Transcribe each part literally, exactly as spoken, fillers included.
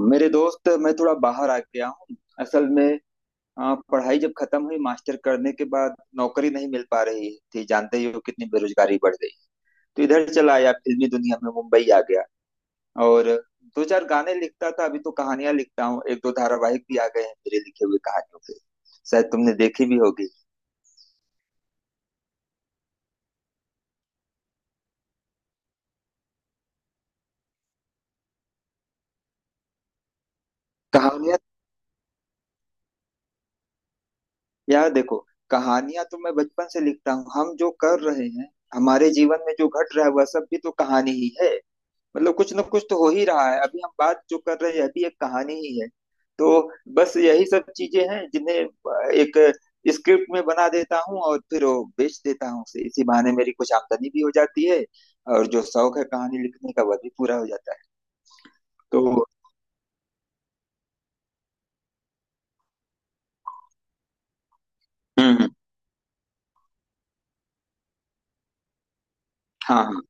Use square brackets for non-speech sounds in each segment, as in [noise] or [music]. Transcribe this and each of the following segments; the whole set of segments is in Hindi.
मेरे दोस्त, मैं थोड़ा बाहर आ गया हूँ असल में। अ, पढ़ाई जब खत्म हुई, मास्टर करने के बाद नौकरी नहीं मिल पा रही थी। जानते ही हो कितनी बेरोजगारी बढ़ गई। तो इधर चला आया, फिल्मी दुनिया में मुंबई आ गया। और दो चार गाने लिखता था, अभी तो कहानियां लिखता हूँ। एक दो धारावाहिक भी आ गए हैं मेरे लिखे हुए कहानियों के, शायद तुमने देखी भी होगी। कहानियां। यार देखो, कहानियां तो मैं बचपन से लिखता हूँ। हम जो कर रहे हैं, हमारे जीवन में जो घट रहा है वह सब भी तो कहानी ही है। मतलब कुछ ना कुछ तो हो ही रहा है, अभी हम बात जो कर रहे हैं अभी एक कहानी ही है। तो बस यही सब चीजें हैं जिन्हें एक स्क्रिप्ट में बना देता हूँ और फिर वो बेच देता हूँ उसे। इसी बहाने मेरी कुछ आमदनी भी हो जाती है, और जो शौक है कहानी लिखने का वह भी पूरा हो जाता है। तो। हम्म हम्म। हाँ हाँ।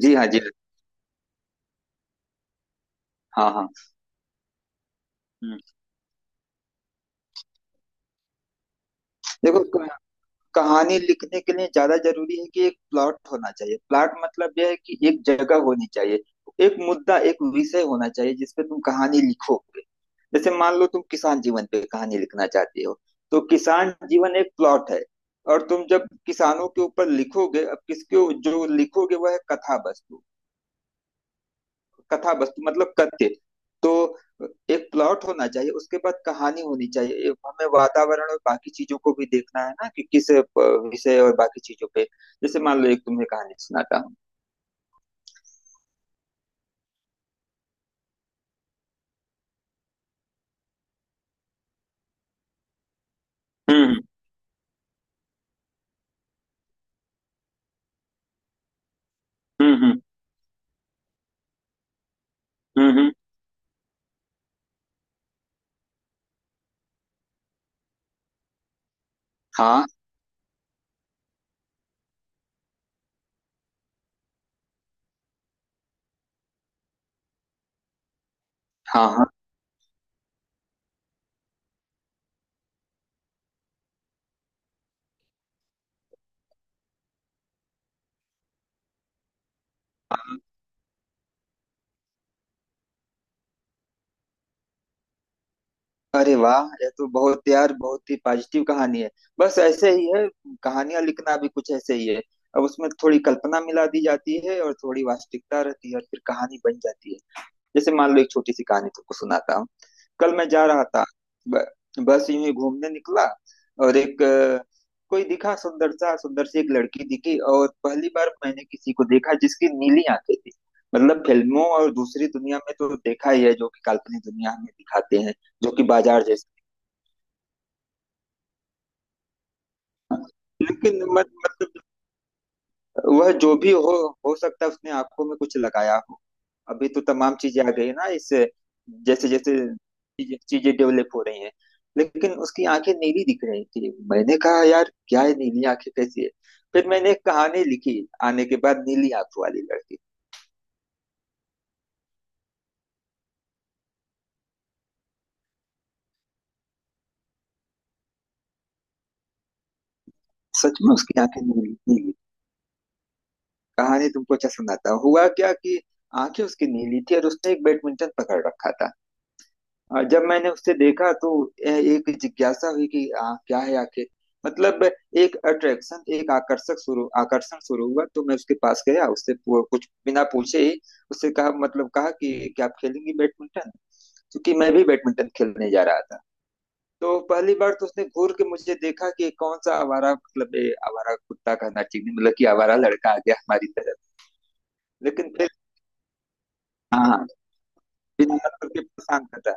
जी हाँ। जी हाँ। हाँ हाँ। हम्म देखो, कहानी लिखने के लिए ज्यादा जरूरी है कि एक प्लॉट होना चाहिए। प्लॉट मतलब यह है कि एक जगह होनी चाहिए, एक मुद्दा, एक विषय होना चाहिए जिस पे तुम कहानी लिखोगे। जैसे मान लो तुम किसान जीवन पे कहानी लिखना चाहते हो, तो किसान जीवन एक प्लॉट है। और तुम जब किसानों के ऊपर लिखोगे, अब किसके जो लिखोगे वह है कथा वस्तु। कथा वस्तु मतलब कथ्य। तो एक प्लॉट होना चाहिए, उसके बाद कहानी होनी चाहिए। एक हमें वातावरण और बाकी चीजों को भी देखना है ना कि किस अ, विषय और बाकी चीजों पे। जैसे मान लो, एक तुम्हें कहानी सुनाता हूँ। हम्म हम्म हम्म हम्म। हम्म। हाँ हाँ हाँ हाँ। अरे वाह, यह तो बहुत यार, बहुत ही पॉजिटिव कहानी है। बस ऐसे ही है, कहानियां लिखना भी कुछ ऐसे ही है। अब उसमें थोड़ी कल्पना मिला दी जाती है और थोड़ी वास्तविकता रहती है और फिर कहानी बन जाती है। जैसे मान लो एक छोटी सी कहानी तुमको सुनाता हूँ। कल मैं जा रहा था ब- बस यूं ही घूमने निकला। और एक अ, कोई दिखा, सुंदर सा, सुंदर सी एक लड़की दिखी। और पहली बार मैंने किसी को देखा जिसकी नीली आंखें थी। मतलब फिल्मों और दूसरी दुनिया में तो देखा ही है, जो कि काल्पनिक दुनिया हमें दिखाते हैं, जो कि बाजार जैसे। लेकिन मत- मतलब, वह जो भी हो हो सकता है उसने आंखों में कुछ लगाया हो। अभी तो तमाम चीजें आ गई है ना इस। जैसे जैसे चीजें चीजें डेवलप हो रही हैं। लेकिन उसकी आंखें नीली दिख रही थी, मैंने कहा यार क्या है, नीली आंखें कैसी है। फिर मैंने एक कहानी लिखी आने के बाद, नीली आंखों वाली लड़की। सच में उसकी आंखें नीली नीली। कहानी तुमको अच्छा सुनाता हुआ क्या कि आंखें उसकी नीली थी और उसने एक बैडमिंटन पकड़ रखा था। अ, जब मैंने उसे देखा तो यह एक जिज्ञासा हुई कि आ, क्या है आखिर। मतलब एक अट्रैक्शन, एक आकर्षक शुरू आकर्षण शुरू हुआ। तो मैं उसके पास गया, उससे पू- कुछ बिना पूछे ही उससे कहा, मतलब कहा कि क्या आप खेलेंगी बैडमिंटन। क्योंकि मैं भी बैडमिंटन खेलने जा रहा था। तो पहली बार तो उसने घूर के मुझे देखा कि कौन सा आवारा, मतलब ये आवारा कुत्ता का नाचिनी, मतलब कि आवारा लड़का आ गया हमारी तरफ। लेकिन फिर, हाँ, बिना मतलब के पसंद करता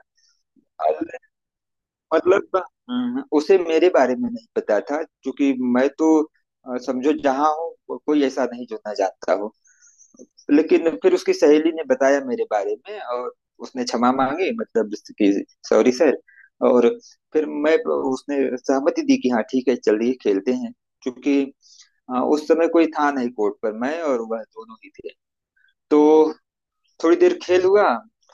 है। मतलब, हम्म, उसे मेरे बारे में नहीं पता था, क्योंकि मैं तो अ, समझो जहाँ हूँ, को- कोई ऐसा नहीं जो ना जानता हो। लेकिन फिर उसकी सहेली ने बताया मेरे बारे में, और उसने क्षमा मांगी, मतलब कि सॉरी सर। और फिर मैं, उसने सहमति दी कि हाँ ठीक है, चलिए खेलते हैं। क्योंकि अ, उस समय कोई था नहीं कोर्ट पर, मैं और वह दोनों ही थे। तो थोड़ी देर खेल हुआ।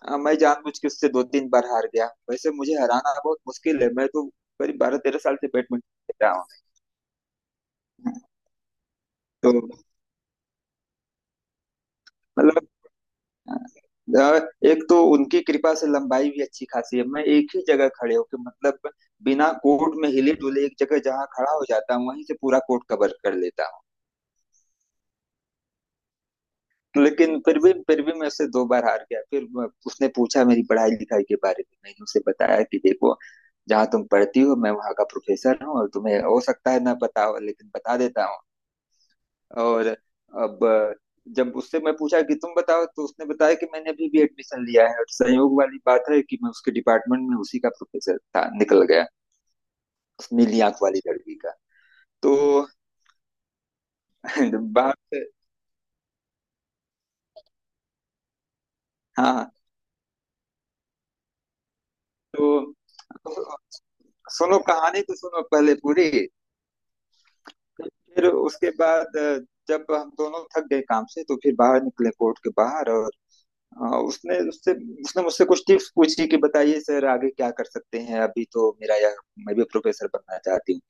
अ, मैं जानबूझ के उससे दो तीन बार हार गया, वैसे मुझे हराना बहुत मुश्किल है। मैं तो करीब बारह तेरह साल से बैडमिंटन खेल रहा हूँ। तो मतलब, अ, एक तो उनकी कृपा से लंबाई भी अच्छी खासी है। मैं एक ही जगह खड़े होकर, मतलब बिना कोर्ट में हिले डुले, एक जगह जहाँ खड़ा हो जाता हूँ वहीं से पूरा कोर्ट कवर कर लेता। लेकिन फिर भी फिर भी मैं उससे दो बार हार गया। फिर मैं- उसने पूछा मेरी पढ़ाई लिखाई के बारे में। मैंने उसे बताया कि देखो जहाँ तुम पढ़ती हो मैं वहाँ का प्रोफेसर हूँ, और तुम्हें हो सकता है ना पता हो लेकिन बता देता हूँ। और अब अ, जब उससे मैं पूछा कि तुम बताओ, तो उसने बताया कि मैंने अभी भी एडमिशन लिया है, और संयोग वाली बात है कि मैं उसके डिपार्टमेंट में उसी का प्रोफेसर था। निकल गया उस नीली आंख वाली लड़की का। तो [laughs] बात। हाँ। तो तो, सुनो कहानी तो सुनो पहले पूरी। फिर उसके बाद अ, जब हम दोनों थक गए काम से, तो फिर बाहर निकले कोर्ट के बाहर। और अ, उसने उससे उसने मुझसे कुछ टिप्स पूछी कि बताइए सर आगे क्या कर सकते हैं, अभी तो मेरा यह, मैं भी प्रोफेसर बनना चाहती हूँ।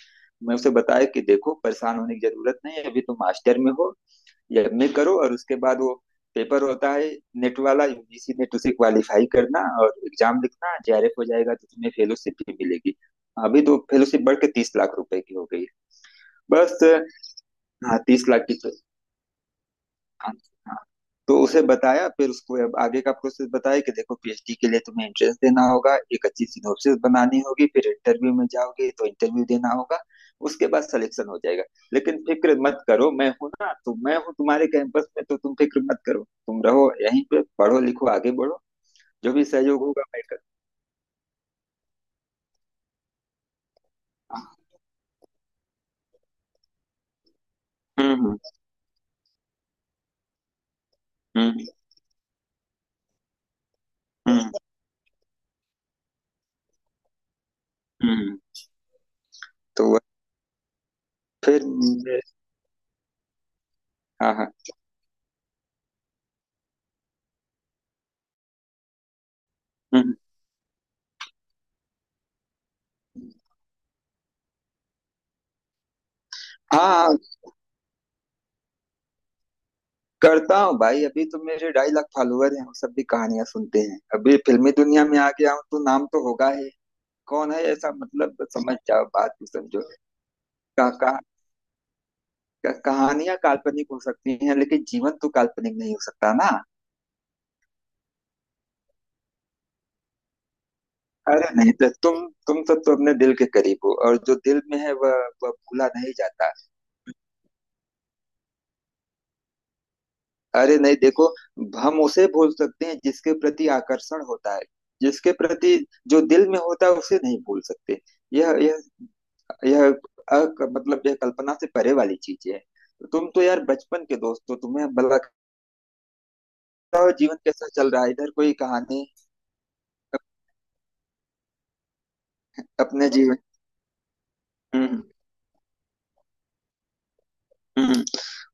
मैं उसे बताया कि देखो परेशान होने की जरूरत नहीं है, अभी तुम मास्टर में हो, या एमए करो और उसके बाद वो पेपर होता है नेट वाला, यूजीसी नेट, उसे क्वालिफाई करना और एग्जाम लिखना, जेआरएफ हो जाएगा तो तुम्हें फेलोशिप भी मिलेगी। अभी तो फेलोशिप बढ़ के तीस लाख रुपए की हो गई। बस। हाँ तीस लाख की तो। हाँ। हाँ। तो उसे बताया, फिर उसको अब आगे का प्रोसेस बताया कि देखो पीएचडी के लिए तुम्हें एंट्रेंस देना होगा, एक अच्छी सिनोप्सिस बनानी होगी, फिर इंटरव्यू में जाओगे तो इंटरव्यू देना होगा। उसके बाद सिलेक्शन हो जाएगा। लेकिन फिक्र मत करो, मैं हूं ना, तो मैं हूँ तुम्हारे कैंपस में, तो तुम फिक्र मत करो, तुम रहो यहीं पे पढ़ो लिखो आगे बढ़ो। जो भी सहयोग होगा मैं कर। हम्म हम्म हम्म हम्म। हम्म। तो वह- फिर मेरे- हाँ हाँ। हम्म। हाँ। करता हूँ भाई, अभी तो मेरे ढाई लाख फॉलोअर हैं, वो सब भी कहानियां सुनते हैं। अभी फिल्मी दुनिया में आ गया हूँ तो नाम तो होगा ही। कौन है ऐसा, मतलब समझ जाओ, बात को समझो। का, का, का, कहानियां काल्पनिक हो सकती हैं, लेकिन जीवन तो काल्पनिक नहीं हो सकता ना। अरे नहीं तो, तुम तुम सब तो अपने दिल के करीब हो, और जो दिल में है वह वह भूला नहीं जाता। अरे नहीं देखो, हम उसे भूल सकते हैं जिसके प्रति आकर्षण होता है, जिसके प्रति जो दिल में होता है उसे नहीं भूल सकते। यह यह यह अक, मतलब यह कल्पना से परे वाली चीज है। तुम तो यार बचपन के दोस्त हो, तुम्हें भला लगता हो जीवन कैसा चल रहा है इधर, कोई कहानी। अप, अपने जीवन। हम्म हम्म।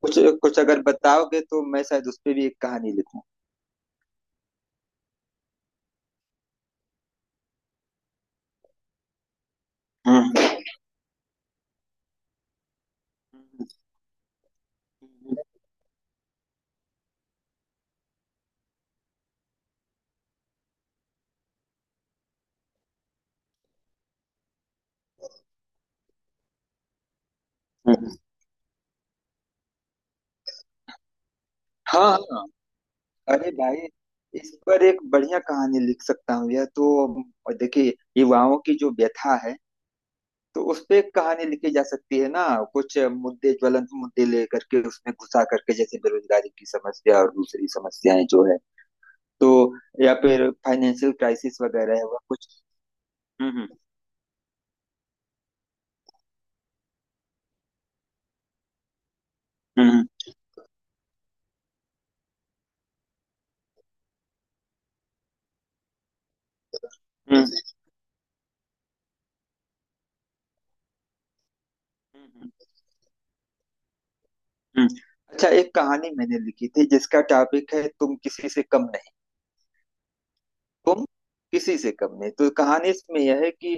कुछ कुछ अगर बताओगे तो मैं शायद उस पे भी एक कहानी लिखूं। हम्म। हम्म। हम्म, हाँ हाँ। अरे भाई, इस पर एक बढ़िया कहानी लिख सकता हूँ, यह तो देखिए, युवाओं की जो व्यथा है तो उस पे कहानी लिखी जा सकती है ना। कुछ मुद्दे, ज्वलंत मुद्दे लेकर के उसमें घुसा करके, जैसे बेरोजगारी की समस्या और दूसरी समस्याएं जो है, तो या फिर फाइनेंशियल क्राइसिस वगैरह है वह कुछ। हम्म हम्म हम्म हम्म हम्म। हम्म। हम्म। अच्छा, एक कहानी मैंने लिखी थी जिसका टॉपिक है तुम किसी से कम नहीं। तुम किसी से कम नहीं, तो कहानी इसमें यह है कि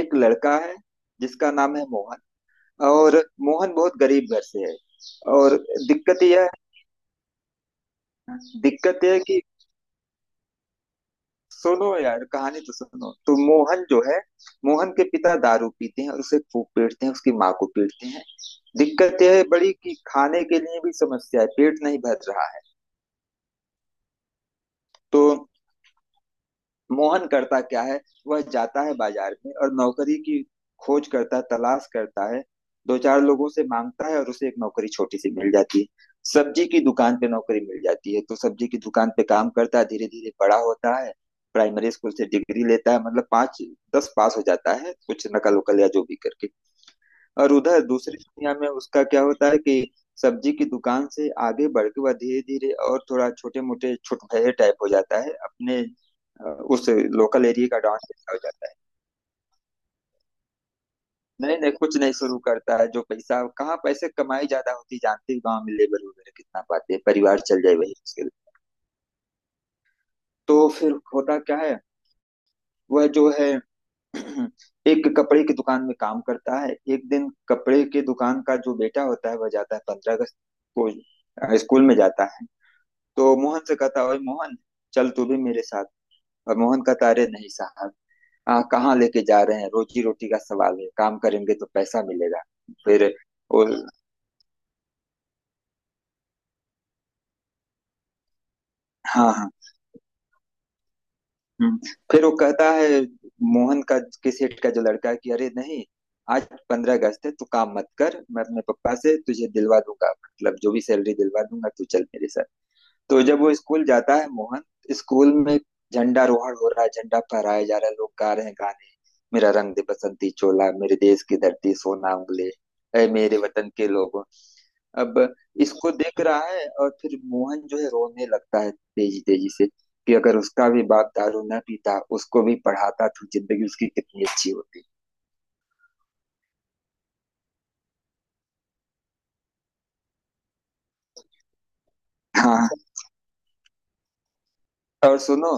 एक लड़का है जिसका नाम है मोहन। और मोहन बहुत गरीब घर से है, और दिक्कत यह है, दिक्कत यह है कि, सुनो यार कहानी तो सुनो, तो मोहन जो है, मोहन के पिता दारू पीते हैं और उसे खूब पीटते हैं, उसकी माँ को पीटते हैं। दिक्कत यह है बड़ी कि खाने के लिए भी समस्या है, पेट नहीं भर रहा है। तो मोहन करता क्या है, वह जाता है बाजार में और नौकरी की खोज करता है, तलाश करता है। दो चार लोगों से मांगता है और उसे एक नौकरी छोटी सी मिल जाती है, सब्जी की दुकान पे नौकरी मिल जाती है। तो सब्जी की दुकान पे काम करता है, धीरे धीरे बड़ा होता है, प्राइमरी स्कूल से डिग्री लेता है, मतलब पाँच दस पास हो जाता है कुछ नकल उकल या जो भी करके। और उधर दूसरी दुनिया में उसका क्या होता है कि सब्जी की दुकान से आगे बढ़ के वह धीरे धीरे और थोड़ा छोटे मोटे भये टाइप हो जाता है अपने, अ, उस लोकल एरिया का डॉन जैसा हो जाता है। नहीं नहीं, कुछ नहीं शुरू करता है, जो पैसा कहाँ, पैसे कमाई ज्यादा होती जानते ही, गाँव में लेबर वगैरह कितना पाते हैं, परिवार चल जाए वही मुश्किल। तो फिर होता क्या है, वह जो है [clears throat] एक कपड़े की दुकान में काम करता है। एक दिन कपड़े के दुकान का जो बेटा होता है वह जाता है पंद्रह अगस्त को अ, स्कूल में जाता है। तो मोहन से कहता, ओए मोहन चल तू भी मेरे साथ। और मोहन कहता, अरे नहीं साहब, आ, कहाँ लेके जा रहे हैं, रोजी रोटी का सवाल है, काम करेंगे तो पैसा मिलेगा। फिर वो। हाँ हाँ। हम्म। फिर वो कहता है, मोहन का, के सेठ का जो लड़का है, कि अरे नहीं आज पंद्रह अगस्त है, तू काम मत कर, मैं अपने पापा से तुझे दिलवा दूंगा, मतलब जो भी सैलरी दिलवा दूंगा, तू चल मेरे साथ। तो जब वो स्कूल जाता है मोहन, स्कूल में झंडारोहण हो रहा है, झंडा फहराया जा रहा है, लोग गा रहे हैं गाने, मेरा रंग दे बसंती चोला, मेरे देश की धरती सोना उंगले, ऐ मेरे वतन के लोगों। अब इसको देख रहा है और फिर मोहन जो है रोने लगता है तेजी तेजी से कि अगर उसका भी बाप दारू न पीता, उसको भी पढ़ाता, तो जिंदगी उसकी कितनी अच्छी होती। हाँ। और सुनो,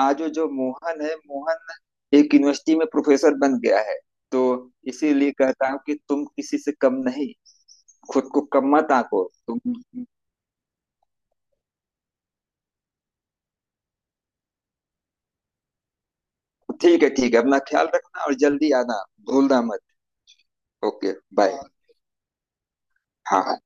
आज जो मोहन है, मोहन एक यूनिवर्सिटी में प्रोफेसर बन गया है। तो इसीलिए कहता हूँ कि तुम किसी से कम नहीं, खुद को कम मत आंको तुम। ठीक है ठीक है, अपना ख्याल रखना और जल्दी आना, भूलना मत। Okay, bye. हाँ हाँ।